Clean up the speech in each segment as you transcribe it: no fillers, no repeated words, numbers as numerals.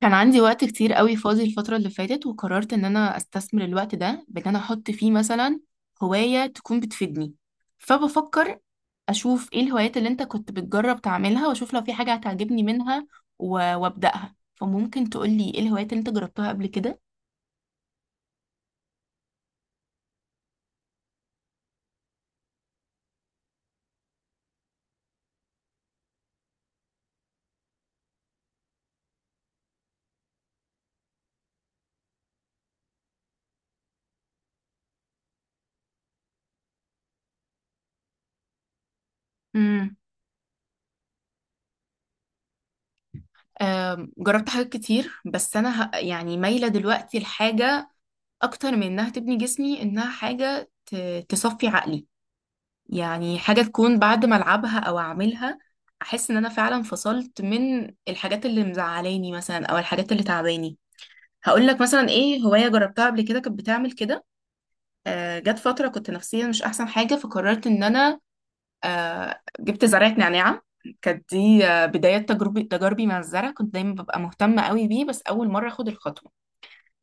كان عندي وقت كتير قوي فاضي الفترة اللي فاتت، وقررت ان انا استثمر الوقت ده بان انا احط فيه مثلا هواية تكون بتفيدني. فبفكر اشوف ايه الهوايات اللي انت كنت بتجرب تعملها، واشوف لو في حاجة هتعجبني منها و- وابدأها. فممكن تقولي ايه الهوايات اللي انت جربتها قبل كده؟ امم. جربت حاجات كتير، بس انا يعني مايلة دلوقتي لحاجة اكتر من انها تبني جسمي، انها حاجة تصفي عقلي. يعني حاجة تكون بعد ما ألعبها أو أعملها أحس إن أنا فعلا فصلت من الحاجات اللي مزعلاني مثلا، أو الحاجات اللي تعباني. هقولك مثلا إيه هواية جربتها قبل كده كانت بتعمل كده. جت فترة كنت نفسيا مش أحسن حاجة، فقررت إن أنا جبت زرعة نعناع. كانت دي بداية تجاربي مع الزرع، كنت دايما ببقى مهتمة قوي بيه، بس أول مرة أخد الخطوة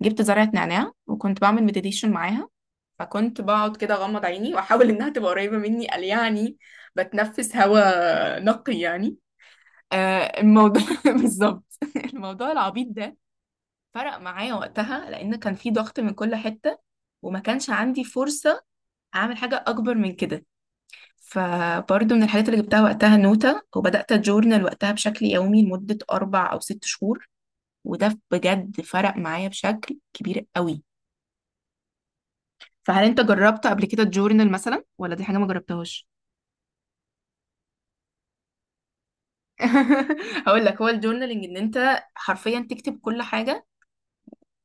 جبت زرعة نعناع، وكنت بعمل مديتيشن معاها. فكنت بقعد كده اغمض عيني واحاول انها تبقى قريبه مني، قال يعني بتنفس هواء نقي يعني. الموضوع بالظبط، الموضوع العبيط ده فرق معايا وقتها، لان كان في ضغط من كل حته، وما كانش عندي فرصه اعمل حاجه اكبر من كده. فبرضه من الحاجات اللي جبتها وقتها نوتة، وبدأت أجورنال وقتها بشكل يومي لمدة أربع أو ست شهور، وده بجد فرق معايا بشكل كبير قوي. فهل أنت جربت قبل كده تجورنال مثلا، ولا دي حاجة ما جربتهاش؟ هقول لك، هو الجورنالينج ان انت حرفيا تكتب كل حاجه،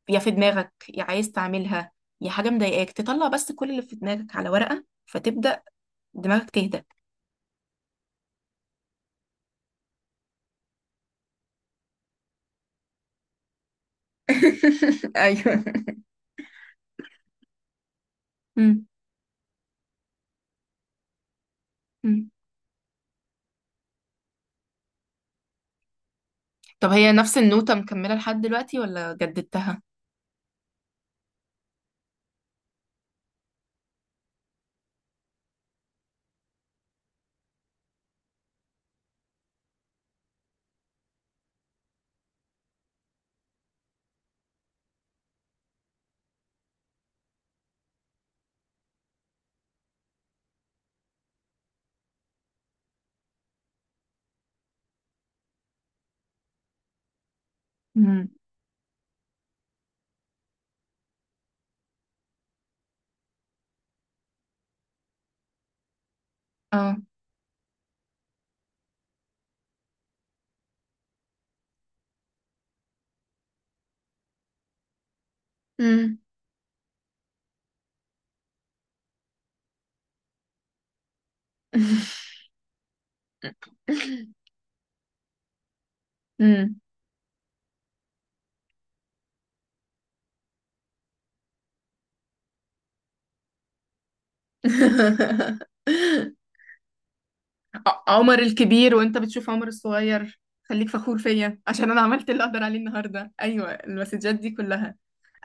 يا في دماغك يا عايز تعملها، يا حاجه مضايقاك تطلع، بس كل اللي في دماغك على ورقه، فتبدا دماغك تهدى. ايوه. مم. مم. طب هي نفس النوتة مكملة لحد دلوقتي ولا جددتها؟ مم. اه. مم. مم. عمر الكبير وانت بتشوف عمر الصغير، خليك فخور فيا عشان انا عملت اللي اقدر عليه النهارده، ايوه المسجات دي كلها.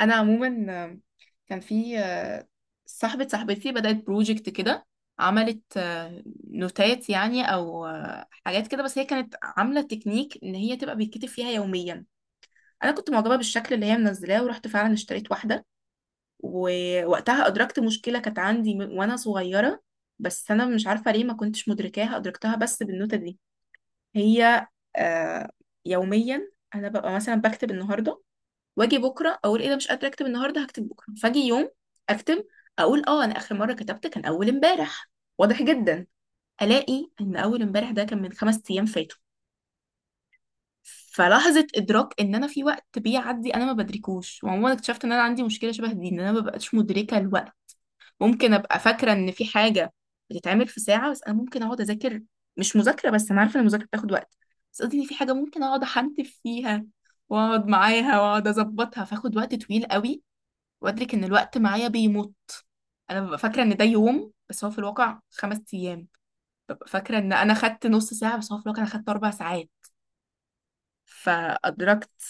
انا عموما كان في صاحبتي بدأت بروجكت كده، عملت نوتات يعني، او حاجات كده. بس هي كانت عاملة تكنيك ان هي تبقى بيتكتب فيها يوميا. انا كنت معجبة بالشكل اللي هي منزلاه، ورحت فعلا اشتريت واحدة. ووقتها ادركت مشكلة كانت عندي وانا صغيرة، بس انا مش عارفة ليه ما كنتش مدركاها، ادركتها بس بالنوتة دي. هي آه يوميا انا ببقى مثلا بكتب النهارده، واجي بكره اقول ايه ده مش قادره اكتب النهارده هكتب بكره، فاجي يوم اكتب اقول انا اخر مره كتبت كان اول امبارح، واضح جدا. الاقي ان اول امبارح ده كان من خمس ايام فاتوا. فلحظه ادراك ان انا في وقت بيعدي انا ما بدركوش، وعموما اكتشفت ان انا عندي مشكله شبه دي، ان انا ما ببقاش مدركه الوقت. ممكن ابقى فاكره ان في حاجه بتتعمل في ساعه، بس انا ممكن اقعد اذاكر، مش مذاكره، بس انا عارفه ان المذاكره بتاخد وقت، بس قصدي ان في حاجه ممكن اقعد احنتف فيها، واقعد معاها واقعد اظبطها فاخد وقت طويل قوي، وادرك ان الوقت معايا بيموت. انا ببقى فاكره ان ده يوم بس هو في الواقع خمس ايام. ببقى فاكره ان انا خدت نص ساعه، بس هو في الواقع انا خدت اربع ساعات. فادركت.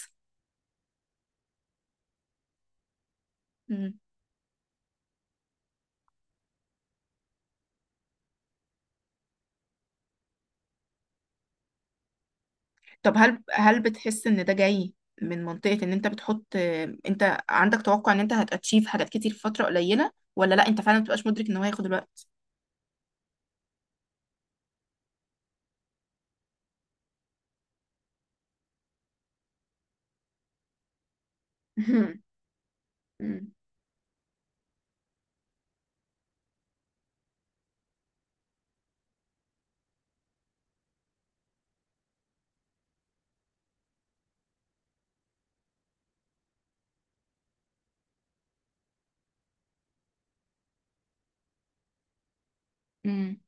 طب هل بتحس ان ده جاي من منطقة ان انت بتحط، انت عندك توقع ان انت هتاتشيف حاجات كتير في فترة قليلة، ولا لا انت فعلا مبتبقاش مدرك ان هو هياخد الوقت؟ مم. امم.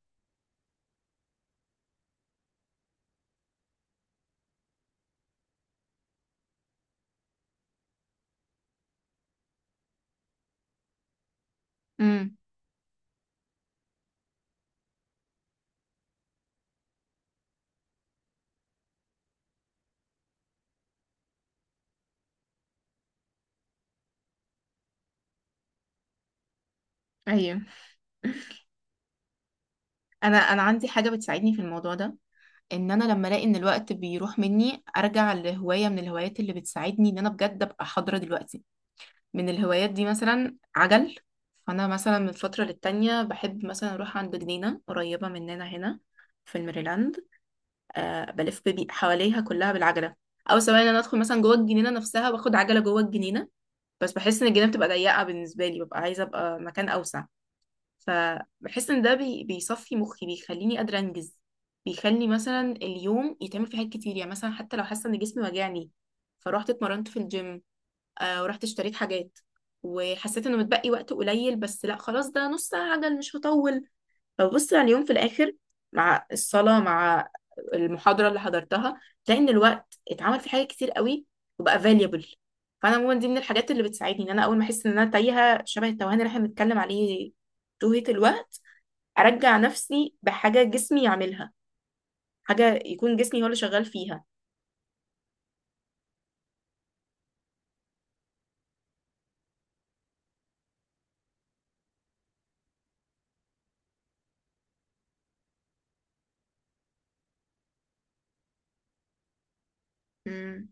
امم. ايوه. انا عندي حاجة بتساعدني في الموضوع ده، ان انا لما الاقي ان الوقت بيروح مني ارجع لهواية من الهوايات اللي بتساعدني ان انا بجد ابقى حاضرة دلوقتي. من الهوايات دي مثلا عجل. فانا مثلا من فترة للتانية بحب مثلا اروح عند جنينة قريبة مننا هنا في الميريلاند، بلف حواليها كلها بالعجله، او سواء ان انا ادخل مثلا جوه الجنينه نفسها واخد عجله جوه الجنينه. بس بحس ان الجنينه بتبقى ضيقه بالنسبه لي، ببقى عايزه ابقى مكان اوسع. فبحس ان ده بيصفي مخي، بيخليني قادره انجز، بيخلي مثلا اليوم يتعمل فيه حاجات كتير. يعني مثلا حتى لو حاسه ان جسمي وجعني فروحت اتمرنت في الجيم، ورحت اشتريت حاجات، وحسيت انه متبقي وقت قليل، بس لا خلاص ده نص ساعه عجل مش هطول. فببص على اليوم في الآخر مع الصلاة، مع المحاضرة اللي حضرتها، تلاقي إن الوقت اتعمل فيه حاجات كتير قوي، وبقى valuable. فأنا عموما دي من الحاجات اللي بتساعدني إن أنا أول ما أحس إن أنا تايهة شبه التوهان اللي إحنا بنتكلم عليه، توهة الوقت، أرجع نفسي بحاجة جسمي يعملها، حاجة يكون جسمي هو اللي شغال فيها. مم.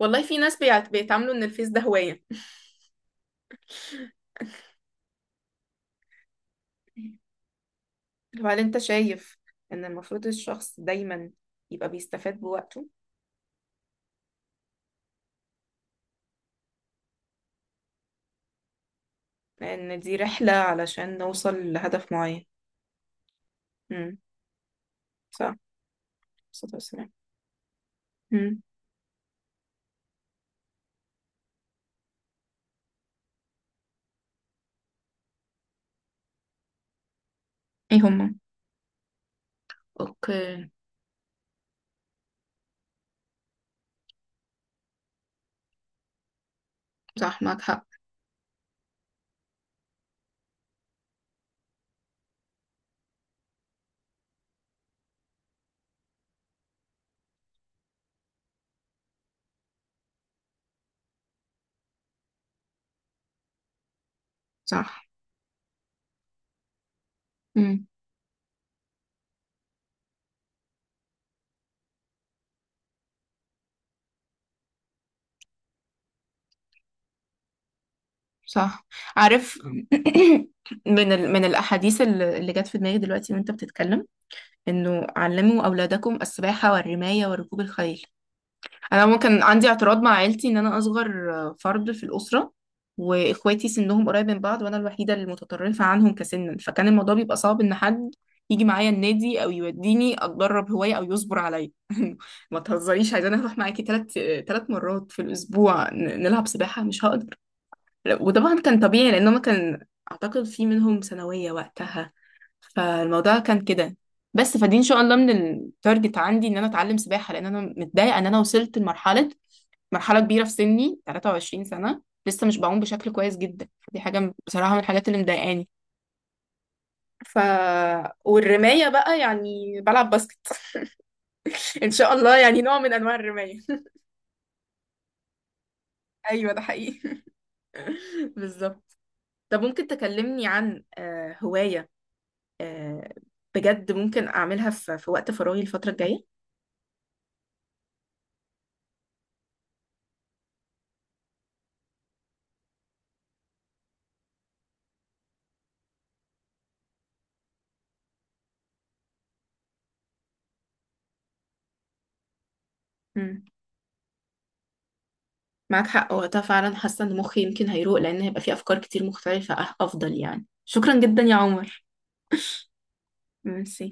والله في ناس بيتعاملوا إن الفيس ده هواية. وهل أنت شايف إن المفروض الشخص دايما يبقى بيستفاد بوقته؟ لأن دي رحلة علشان نوصل لهدف معين. امم. صح، الصلاة والسلام. امم. ايه هما؟ اوكي. صح، معك حق. صح. امم. صح. عارف. من الأحاديث اللي جت في دماغي دلوقتي وانت بتتكلم، انه علموا أولادكم السباحة والرماية وركوب الخيل. انا ممكن عندي اعتراض مع عيلتي، ان انا اصغر فرد في الاسره، واخواتي سنهم قريب من بعض وانا الوحيده المتطرفه عنهم كسنا، فكان الموضوع بيبقى صعب ان حد يجي معايا النادي او يوديني اتدرب هوايه او يصبر عليا. ما تهزريش، عايزه اروح معاكي ثلاث مرات في الاسبوع نلعب سباحه مش هقدر. وطبعا كان طبيعي لان هما كان اعتقد في منهم ثانويه وقتها، فالموضوع كان كده. بس فدي ان شاء الله من التارجت عندي ان انا اتعلم سباحه، لان انا متضايقه ان انا وصلت مرحلة كبيرة في سني 23 سنة لسه مش بعوم بشكل كويس جدا. دي حاجة بصراحة من الحاجات اللي مضايقاني. ف والرماية بقى يعني بلعب باسكت، ان شاء الله يعني نوع من انواع الرماية. ايوه ده حقيقي. بالظبط. طب ممكن تكلمني عن هواية آه، بجد ممكن اعملها في وقت فراغي الفترة الجاية. مم. معاك حق، وقتها فعلا حاسة ان مخي يمكن هيروق لان هيبقى فيه افكار كتير مختلفة افضل يعني. شكرا جدا يا عمر. ميرسي.